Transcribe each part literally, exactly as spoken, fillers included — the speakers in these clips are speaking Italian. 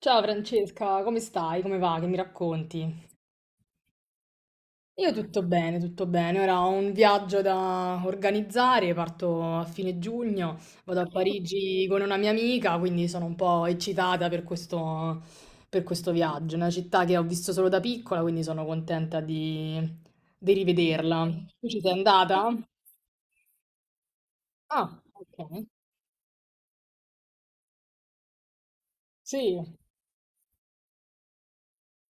Ciao Francesca, come stai? Come va? Che mi racconti? Io tutto bene, tutto bene. Ora ho un viaggio da organizzare, parto a fine giugno, vado a Parigi con una mia amica, quindi sono un po' eccitata per questo, per questo viaggio. È una città che ho visto solo da piccola, quindi sono contenta di, di rivederla. Tu ci sei andata? Ah, ok. Sì.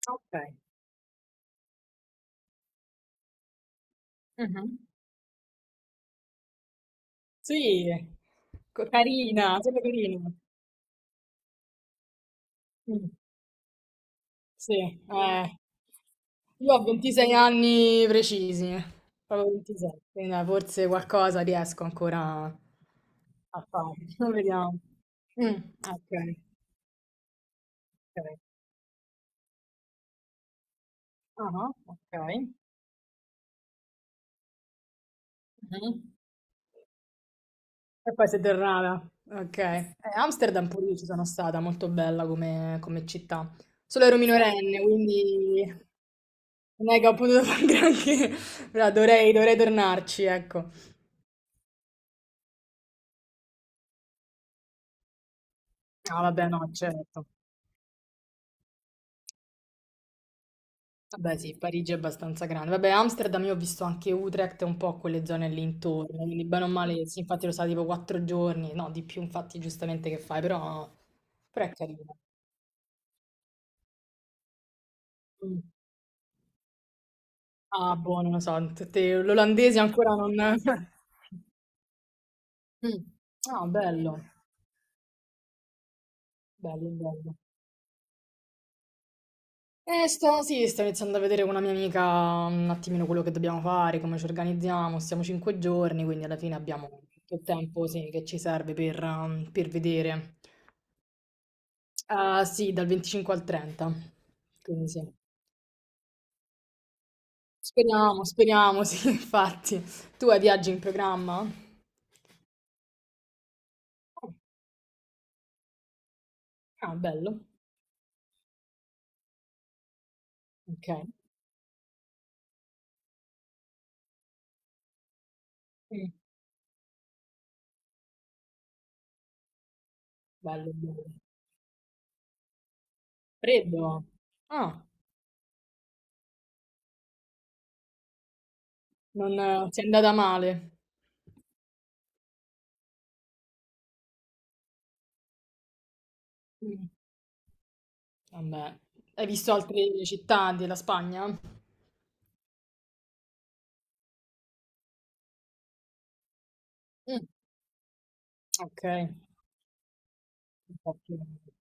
Ok. Mhm. Sì, co- carina, solo carina. Mm. Sì, eh. Io ho ventisei anni precisi, proprio ventisei, quindi dai, forse qualcosa riesco ancora a fare. Vediamo. Mm, ok, ok. Ah, ok. Mhm. E poi sei tornata. Ok. Eh, Amsterdam pure io ci sono stata, molto bella come, come città. Solo ero minorenne, quindi non è che ho potuto fare granché, però dovrei, dovrei tornarci, ecco. Ah, vabbè, no, certo. Beh sì, Parigi è abbastanza grande. Vabbè, Amsterdam io ho visto anche Utrecht e un po' quelle zone lì intorno, quindi bene o male, sì, infatti lo sa tipo quattro giorni, no, di più infatti giustamente che fai, però, però è carino. Mm. Ah, boh, non lo so, tutte- l'olandese ancora non... Mm. Ah, bello, bello, bello. Eh, sto, sì, sto iniziando a vedere con una mia amica un attimino quello che dobbiamo fare, come ci organizziamo, stiamo cinque giorni, quindi alla fine abbiamo tutto il tempo, sì, che ci serve per, um, per vedere. Ah, sì, dal venticinque al trenta. Quindi sì. Speriamo, speriamo, sì, infatti. Tu hai viaggi in programma? Oh, ah, bello. Ok. Mm, bello, bello. Freddo. Ah, non eh, ti è andata male. Mm, vabbè. Hai visto altre città della Spagna? Mm, ok. Un po' più-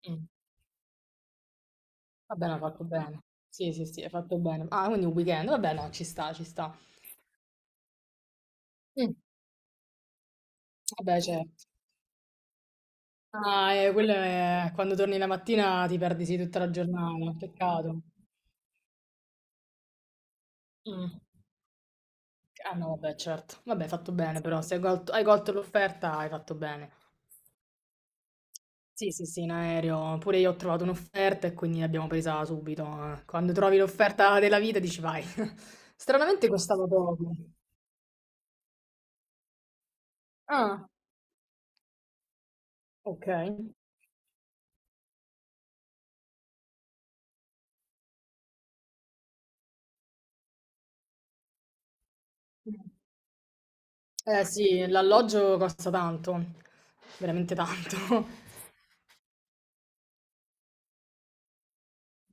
mm, va bene, hai fatto bene. Sì, sì, sì, hai fatto bene. Ah, quindi un weekend. Vabbè, no, ci sta, ci sta. Mm, vabbè, certo. Ah, eh, quello è quando torni la mattina ti perdi sì tutta la giornata, peccato. Mm. Ah no, vabbè, certo. Vabbè, hai fatto bene però, se hai colto, hai colto l'offerta hai fatto bene. Sì, sì, sì, in aereo. Pure io ho trovato un'offerta e quindi l'abbiamo presa subito. Eh. Quando trovi l'offerta della vita dici vai. Stranamente costava poco. Ah, ok. Eh sì, l'alloggio costa tanto, veramente tanto.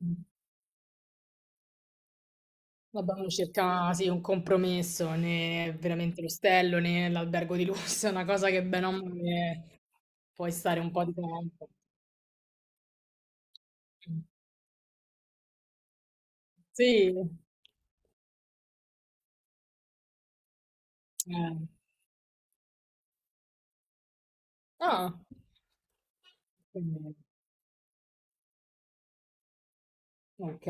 Vabbè, uno cerca sì, un compromesso, né veramente l'ostello né l'albergo di lusso, è una cosa che bene o male puoi stare un po' di tempo. Mm. Sì, eh. Ah, quindi, ok,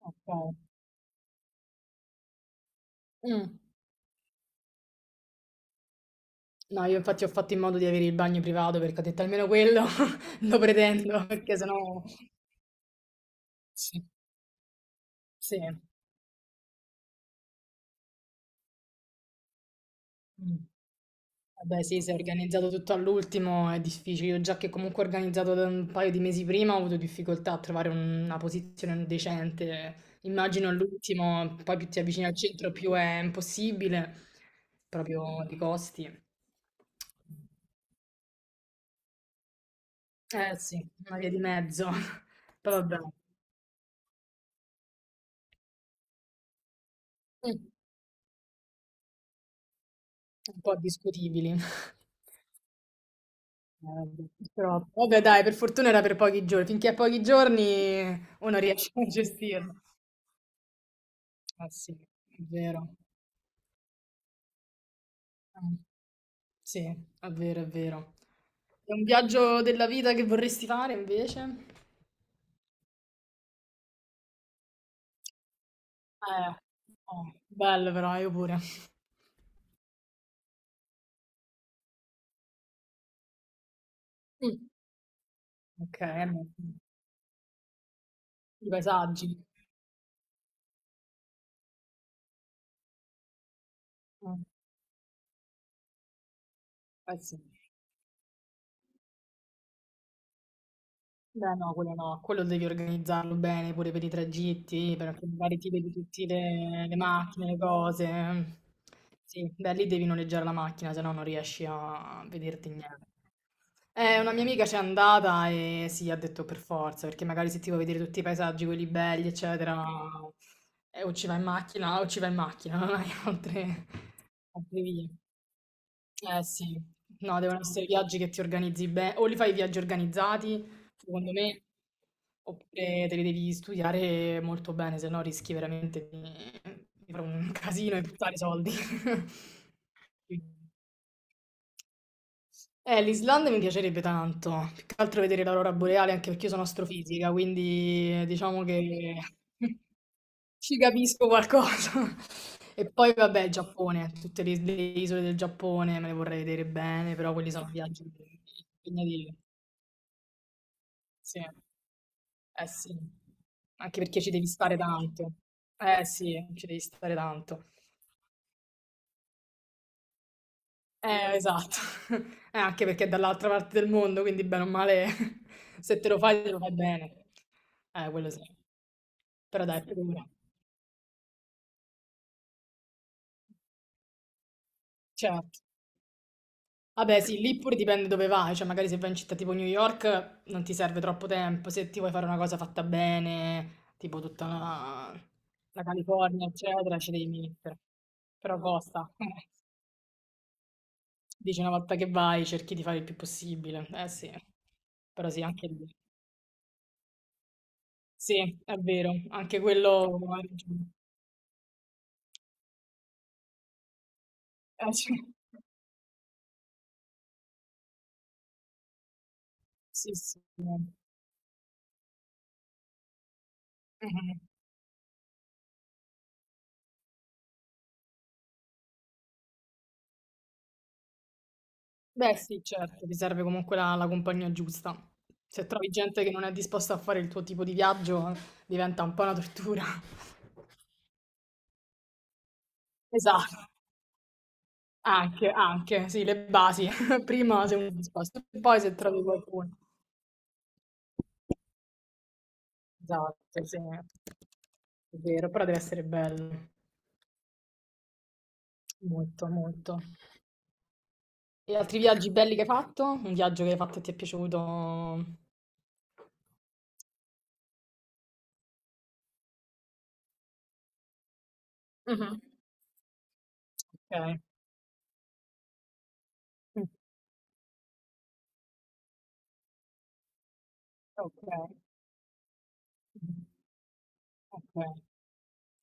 ok. Mm. No, io infatti ho fatto in modo di avere il bagno privato perché ho detto almeno quello lo pretendo, perché sennò... Sì, sì. Mm. Vabbè, sì, se è organizzato tutto all'ultimo è difficile. Io già che comunque ho organizzato da un paio di mesi prima ho avuto difficoltà a trovare una posizione decente. Immagino all'ultimo, poi più ti avvicini al centro più è impossibile, proprio di costi. Eh sì, una via di mezzo. Poi vabbè, mm, un po' discutibili. Eh, vabbè, però, vabbè dai, per fortuna era per pochi giorni. Finché a pochi giorni uno riesce a gestirlo. Eh sì, è vero. Sì, è vero, è vero. È un viaggio della vita che vorresti fare invece? Eh, eh, bello però, io pure. Mm. Ok, allora, i paesaggi. Mm, eh sì. Beh, no, quello no, quello devi organizzarlo bene pure per i tragitti, perché magari ti vedi tutte le, le macchine, le cose. Sì, beh, lì devi noleggiare la macchina, se no non riesci a vederti niente. Eh, una mia amica c'è andata e sì, ha detto per forza, perché magari se ti vuoi vedere tutti i paesaggi, quelli belli, eccetera, eh, o ci vai in macchina, o ci vai in macchina, non hai altre, altre vie. Eh sì, no, devono essere viaggi che ti organizzi bene, o li fai viaggi organizzati, secondo me, oppure te li devi studiare molto bene, se no rischi veramente di, di fare un casino e buttare soldi. Eh, l'Islanda mi piacerebbe tanto, più che altro vedere l'aurora boreale, anche perché io sono astrofisica, quindi eh, diciamo che ci capisco qualcosa. E poi vabbè, il Giappone, tutte le, le isole del Giappone me le vorrei vedere bene, però quelli sono viaggi impegnativi. Sì, eh sì, anche perché ci devi stare tanto. Eh sì, ci devi stare tanto. Eh, esatto. Eh, anche perché è dall'altra parte del mondo, quindi bene o male, se te lo fai, te lo fai bene. Eh, quello sì. Però dai, figura. Certo. Vabbè, sì, lì pure dipende dove vai, cioè magari se vai in città tipo New York non ti serve troppo tempo, se ti vuoi fare una cosa fatta bene, tipo tutta la, la California, eccetera, ci devi mettere. Però costa. Dici una volta che vai, cerchi di fare il più possibile. Eh sì. Però sì, anche lì. Sì, è vero, anche quello hai ragione. Eh, sì, sì, sì. Mhm. Beh, sì, certo, ti serve comunque la, la compagnia giusta. Se trovi gente che non è disposta a fare il tuo tipo di viaggio, eh, diventa un po' una tortura. Esatto, anche, anche, sì, le basi. Prima sei uno disposto, e poi se trovi qualcuno. Esatto, sì, è vero, però deve essere bello, molto, molto. E altri viaggi belli che hai fatto? Un viaggio che hai fatto e ti è piaciuto? Mh-mh. Okay. Mh. Okay. Mh-mh. Okay.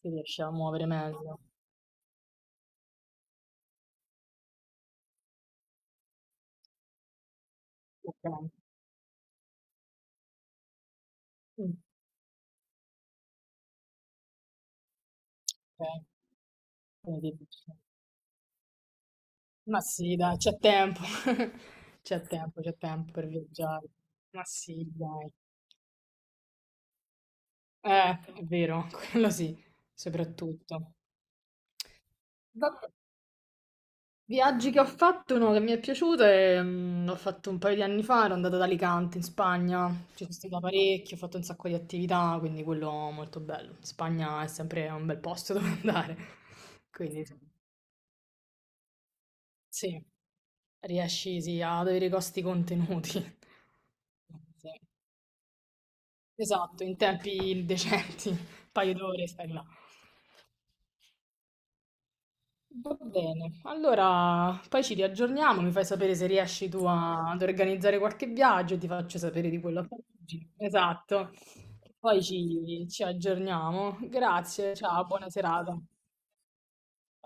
Ti riesci a muovere meglio. Okay. Mh. Okay. Quindi dici ma sì dai, c'è tempo. C'è tempo, c'è tempo per viaggiare. Ma sì dai. Eh, è vero, quello sì, soprattutto. Va Viaggi che ho fatto, uno che mi è piaciuto è, mm, l'ho fatto un paio di anni fa, ero andata ad Alicante in Spagna, ci sono stata parecchio, ho fatto un sacco di attività, quindi quello molto bello. Spagna è sempre un bel posto dove andare, quindi sì, riesci sì, ad avere i costi contenuti. Sì. Esatto, in tempi decenti, un paio d'ore stai là. Va bene, allora poi ci riaggiorniamo, mi fai sapere se riesci tu a- ad organizzare qualche viaggio, ti faccio sapere di quello a Parigi. Esatto, poi ci, ci aggiorniamo. Grazie, ciao, buona serata.